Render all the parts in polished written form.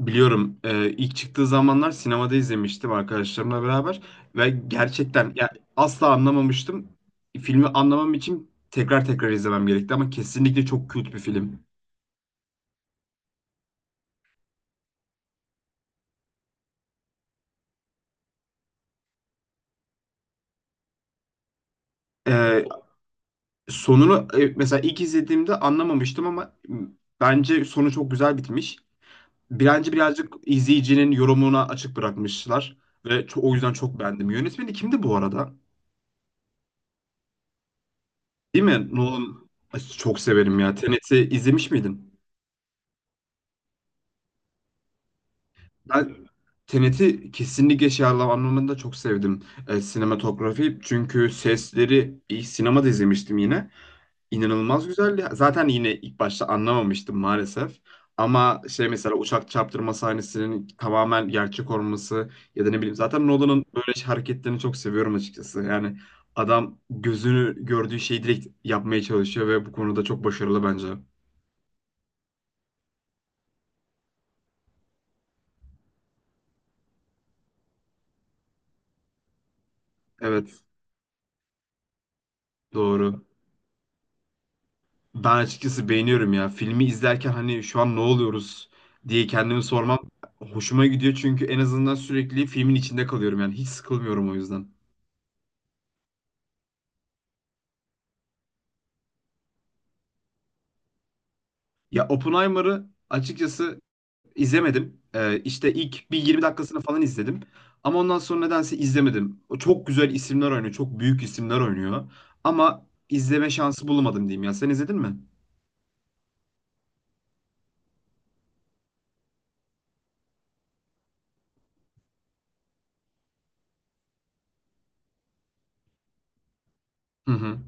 Biliyorum. İlk çıktığı zamanlar sinemada izlemiştim arkadaşlarımla beraber ve gerçekten ya asla anlamamıştım. Filmi anlamam için tekrar tekrar izlemem gerekti ama kesinlikle çok kült bir film. Ee, Sonunu mesela ilk izlediğimde anlamamıştım ama bence sonu çok güzel bitmiş. Bence birazcık izleyicinin yorumuna açık bırakmışlar ve o yüzden çok beğendim. Yönetmeni kimdi bu arada? Değil mi? Nolan. Ay, çok severim ya. Tenet'i izlemiş miydin? Ben Tenet'i kesinlikle şey anlamında çok sevdim. E, sinematografi çünkü sesleri ilk sinemada izlemiştim yine. İnanılmaz güzeldi. Zaten yine ilk başta anlamamıştım maalesef. Ama şey mesela uçak çarptırma sahnesinin tamamen gerçek olması ya da ne bileyim zaten Nolan'ın böyle şey hareketlerini çok seviyorum açıkçası. Yani adam gözünü gördüğü şeyi direkt yapmaya çalışıyor ve bu konuda çok başarılı bence. Evet, doğru. Ben açıkçası beğeniyorum ya. Filmi izlerken hani şu an ne oluyoruz diye kendimi sormam hoşuma gidiyor çünkü en azından sürekli filmin içinde kalıyorum yani hiç sıkılmıyorum o yüzden. Ya Oppenheimer'ı açıkçası izlemedim. İşte ilk bir 20 dakikasını falan izledim. Ama ondan sonra nedense izlemedim. O çok güzel isimler oynuyor, çok büyük isimler oynuyor. Ama izleme şansı bulamadım diyeyim ya. Sen izledin mi? Hı hı.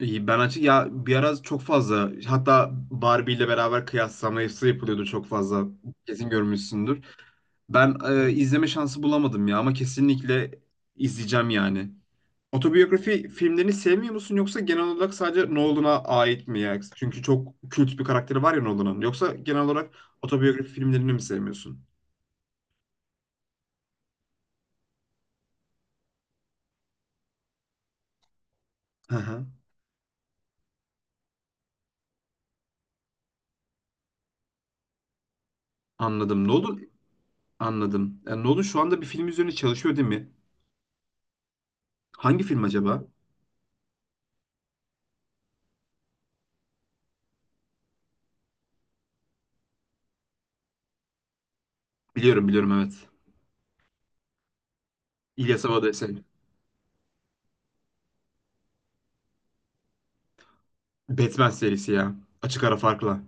İyi, ben açık ya bir ara çok fazla hatta Barbie ile beraber kıyaslaması yapılıyordu çok fazla kesin görmüşsündür. Ben izleme şansı bulamadım ya ama kesinlikle izleyeceğim yani. Otobiyografi filmlerini sevmiyor musun yoksa genel olarak sadece Nolan'a ait mi ya? Çünkü çok kült bir karakteri var ya Nolan'ın. Yoksa genel olarak otobiyografi filmlerini mi sevmiyorsun? Hı hı. Anladım. Nolan, anladım. Yani Nolan şu anda bir film üzerine çalışıyor değil mi? Hangi film acaba? Biliyorum, biliyorum, evet. İlyas Avadı. Batman serisi ya. Açık ara farkla.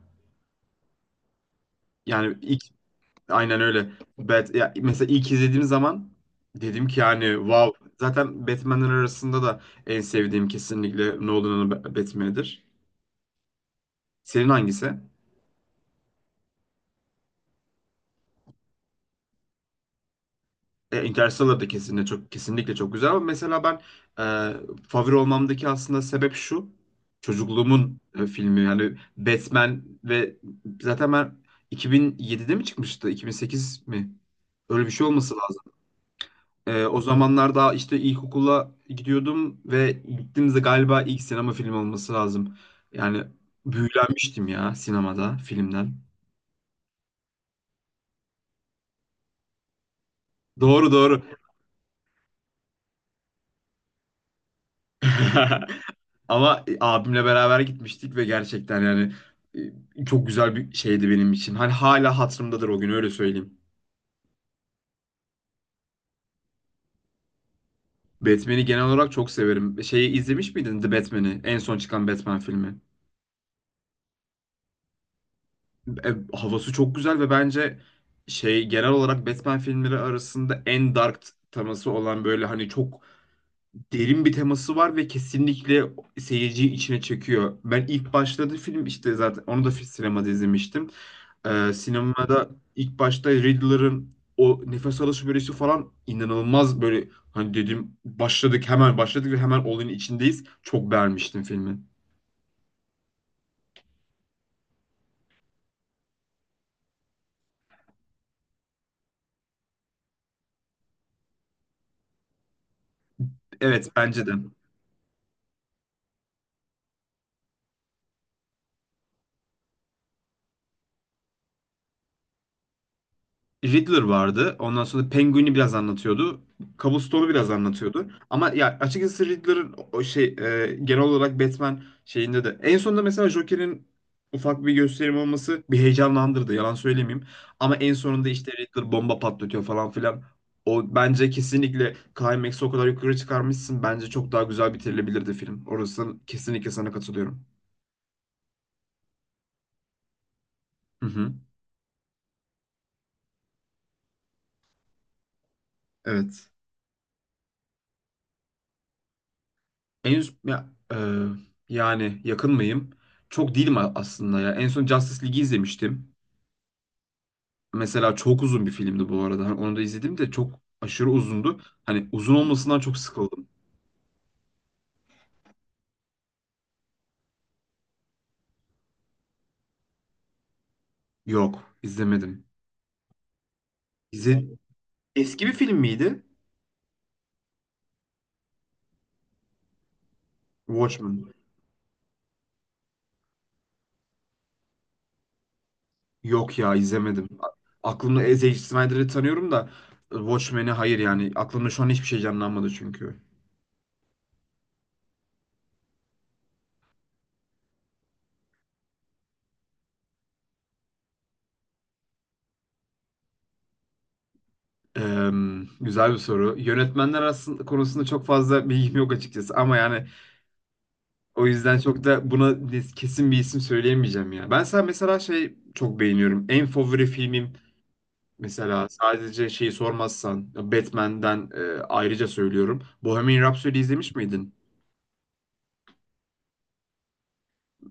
Yani ilk Aynen öyle. Ya mesela ilk izlediğim zaman dedim ki yani wow. Zaten Batman'ler arasında da en sevdiğim kesinlikle Nolan'ın Batman'idir. Senin hangisi? E, Interstellar da kesinlikle çok, kesinlikle çok güzel ama mesela ben favori olmamdaki aslında sebep şu. Çocukluğumun filmi yani Batman ve zaten ben 2007'de mi çıkmıştı? 2008 mi? Öyle bir şey olması lazım. O zamanlar daha işte ilkokula gidiyordum ve gittiğimizde galiba ilk sinema filmi olması lazım. Yani büyülenmiştim ya sinemada filmden. Doğru, doğru. Ama abimle beraber gitmiştik ve gerçekten yani çok güzel bir şeydi benim için. Hani hala hatırımdadır o gün, öyle söyleyeyim. Batman'i genel olarak çok severim. Şeyi izlemiş miydin, The Batman'i? En son çıkan Batman filmi. E, havası çok güzel ve bence şey genel olarak Batman filmleri arasında en dark teması olan böyle hani çok derin bir teması var ve kesinlikle seyirciyi içine çekiyor. Ben ilk başladığı film işte zaten onu da sinemada izlemiştim. Sinemada ilk başta Riddler'ın o nefes alışı bölüsü falan inanılmaz böyle hani dedim başladık, hemen başladık ve hemen olayın içindeyiz. Çok beğenmiştim filmi. Evet, bence de. Riddler vardı. Ondan sonra Penguin'i biraz anlatıyordu. Cobblestone'u biraz anlatıyordu. Ama ya açıkçası Riddler'ın o şey genel olarak Batman şeyinde de en sonunda mesela Joker'in ufak bir gösterim olması bir heyecanlandırdı. Yalan söylemeyeyim. Ama en sonunda işte Riddler bomba patlatıyor falan filan. O bence kesinlikle climax'ı o kadar yukarı çıkarmışsın. Bence çok daha güzel bitirilebilirdi film. Orası kesinlikle sana katılıyorum. Hı hı. Evet. En ya, e, Yani yakın mıyım? Çok değilim aslında ya. En son Justice League'i izlemiştim. Mesela çok uzun bir filmdi bu arada. Hani onu da izledim de çok aşırı uzundu. Hani uzun olmasından çok sıkıldım. Yok, izlemedim. İzle... Eski bir film miydi? Watchmen. Yok ya, izlemedim. Aklımda Zack Snyder'ı tanıyorum da Watchmen'i hayır yani. Aklımda şu an hiçbir şey canlanmadı çünkü. Eee, Güzel bir soru. Yönetmenler aslında konusunda çok fazla bilgim yok açıkçası ama yani o yüzden çok da buna kesin bir isim söyleyemeyeceğim ya. Ben sana mesela şey çok beğeniyorum. En favori filmim mesela sadece şeyi sormazsan Batman'den ayrıca söylüyorum. Bohemian Rhapsody izlemiş miydin?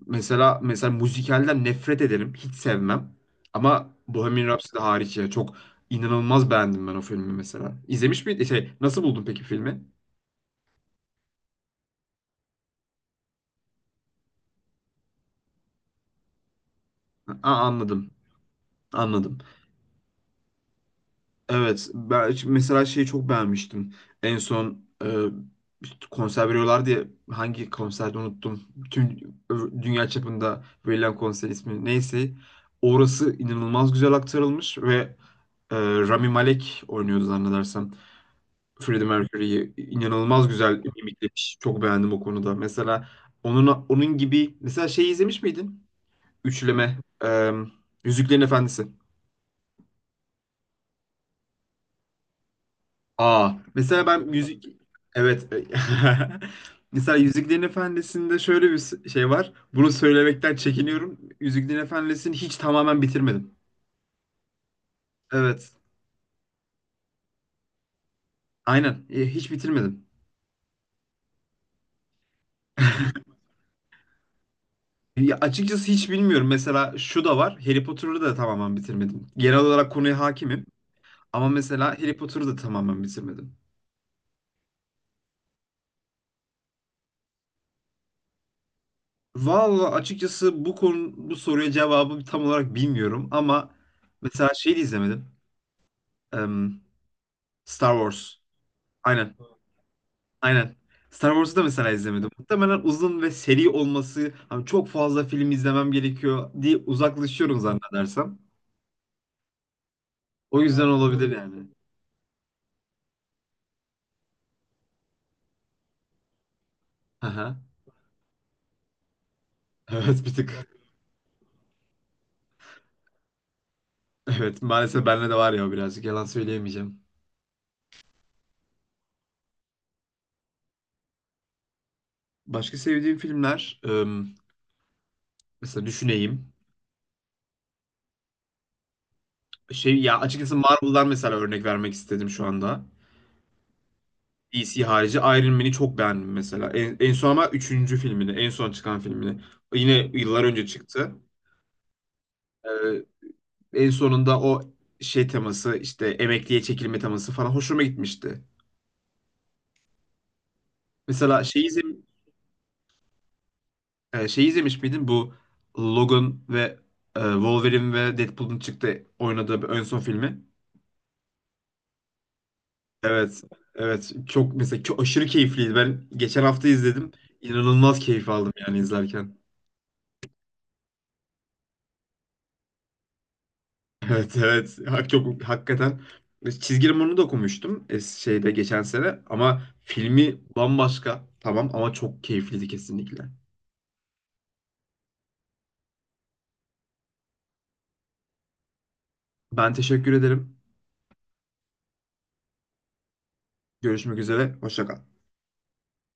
Mesela, mesela müzikalden nefret ederim. Hiç sevmem. Ama Bohemian Rhapsody hariç ya çok inanılmaz beğendim ben o filmi mesela. İzlemiş miydin? Şey, nasıl buldun peki filmi? Aa, anladım. Anladım. Evet, ben mesela şeyi çok beğenmiştim. En son konser veriyorlar diye, hangi konserde unuttum. Bütün dünya çapında verilen konser ismi neyse. Orası inanılmaz güzel aktarılmış ve Rami Malek oynuyordu zannedersem. Freddie Mercury'yi inanılmaz güzel mimiklemiş. Çok beğendim o konuda. Mesela onun gibi mesela şey izlemiş miydin? Üçleme, e, Yüzüklerin Efendisi. Aa, mesela ben müzik, evet. Mesela Yüzüklerin Efendisi'nde şöyle bir şey var. Bunu söylemekten çekiniyorum. Yüzüklerin Efendisi'ni hiç tamamen bitirmedim. Evet. Aynen. E, hiç bitirmedim. Ya açıkçası hiç bilmiyorum. Mesela şu da var. Harry Potter'ı da tamamen bitirmedim. Genel olarak konuya hakimim. Ama mesela Harry Potter'ı da tamamen bitirmedim. Vallahi açıkçası bu konu, bu soruya cevabı tam olarak bilmiyorum ama mesela şey de izlemedim. Em, Star Wars. Aynen. Aynen. Star Wars'u da mesela izlemedim. Muhtemelen uzun ve seri olması, hani çok fazla film izlemem gerekiyor diye uzaklaşıyorum zannedersem. O yüzden olabilir yani. Aha. Evet, bir tık. Evet, maalesef bende de var ya o, birazcık yalan söyleyemeyeceğim. Başka sevdiğim filmler mesela düşüneyim. Şey ya açıkçası Marvel'dan mesela örnek vermek istedim şu anda. DC harici Iron Man'i çok beğendim mesela. En son ama üçüncü filmini, en son çıkan filmini. Yine yıllar önce çıktı. Ee, En sonunda o şey teması işte emekliye çekilme teması falan hoşuma gitmişti. Mesela şey, izlem- E, şey izlemiş miydin bu Logan ve Wolverine ve Deadpool'un çıktı oynadığı bir ön son filmi? Evet. Evet. Mesela çok aşırı keyifliydi. Ben geçen hafta izledim. İnanılmaz keyif aldım yani izlerken. Evet, evet. Çok hakikaten. E, çizgi romanını da okumuştum şeyde geçen sene ama filmi bambaşka. Tamam ama çok keyifliydi kesinlikle. Ben teşekkür ederim. Görüşmek üzere. Hoşça kal.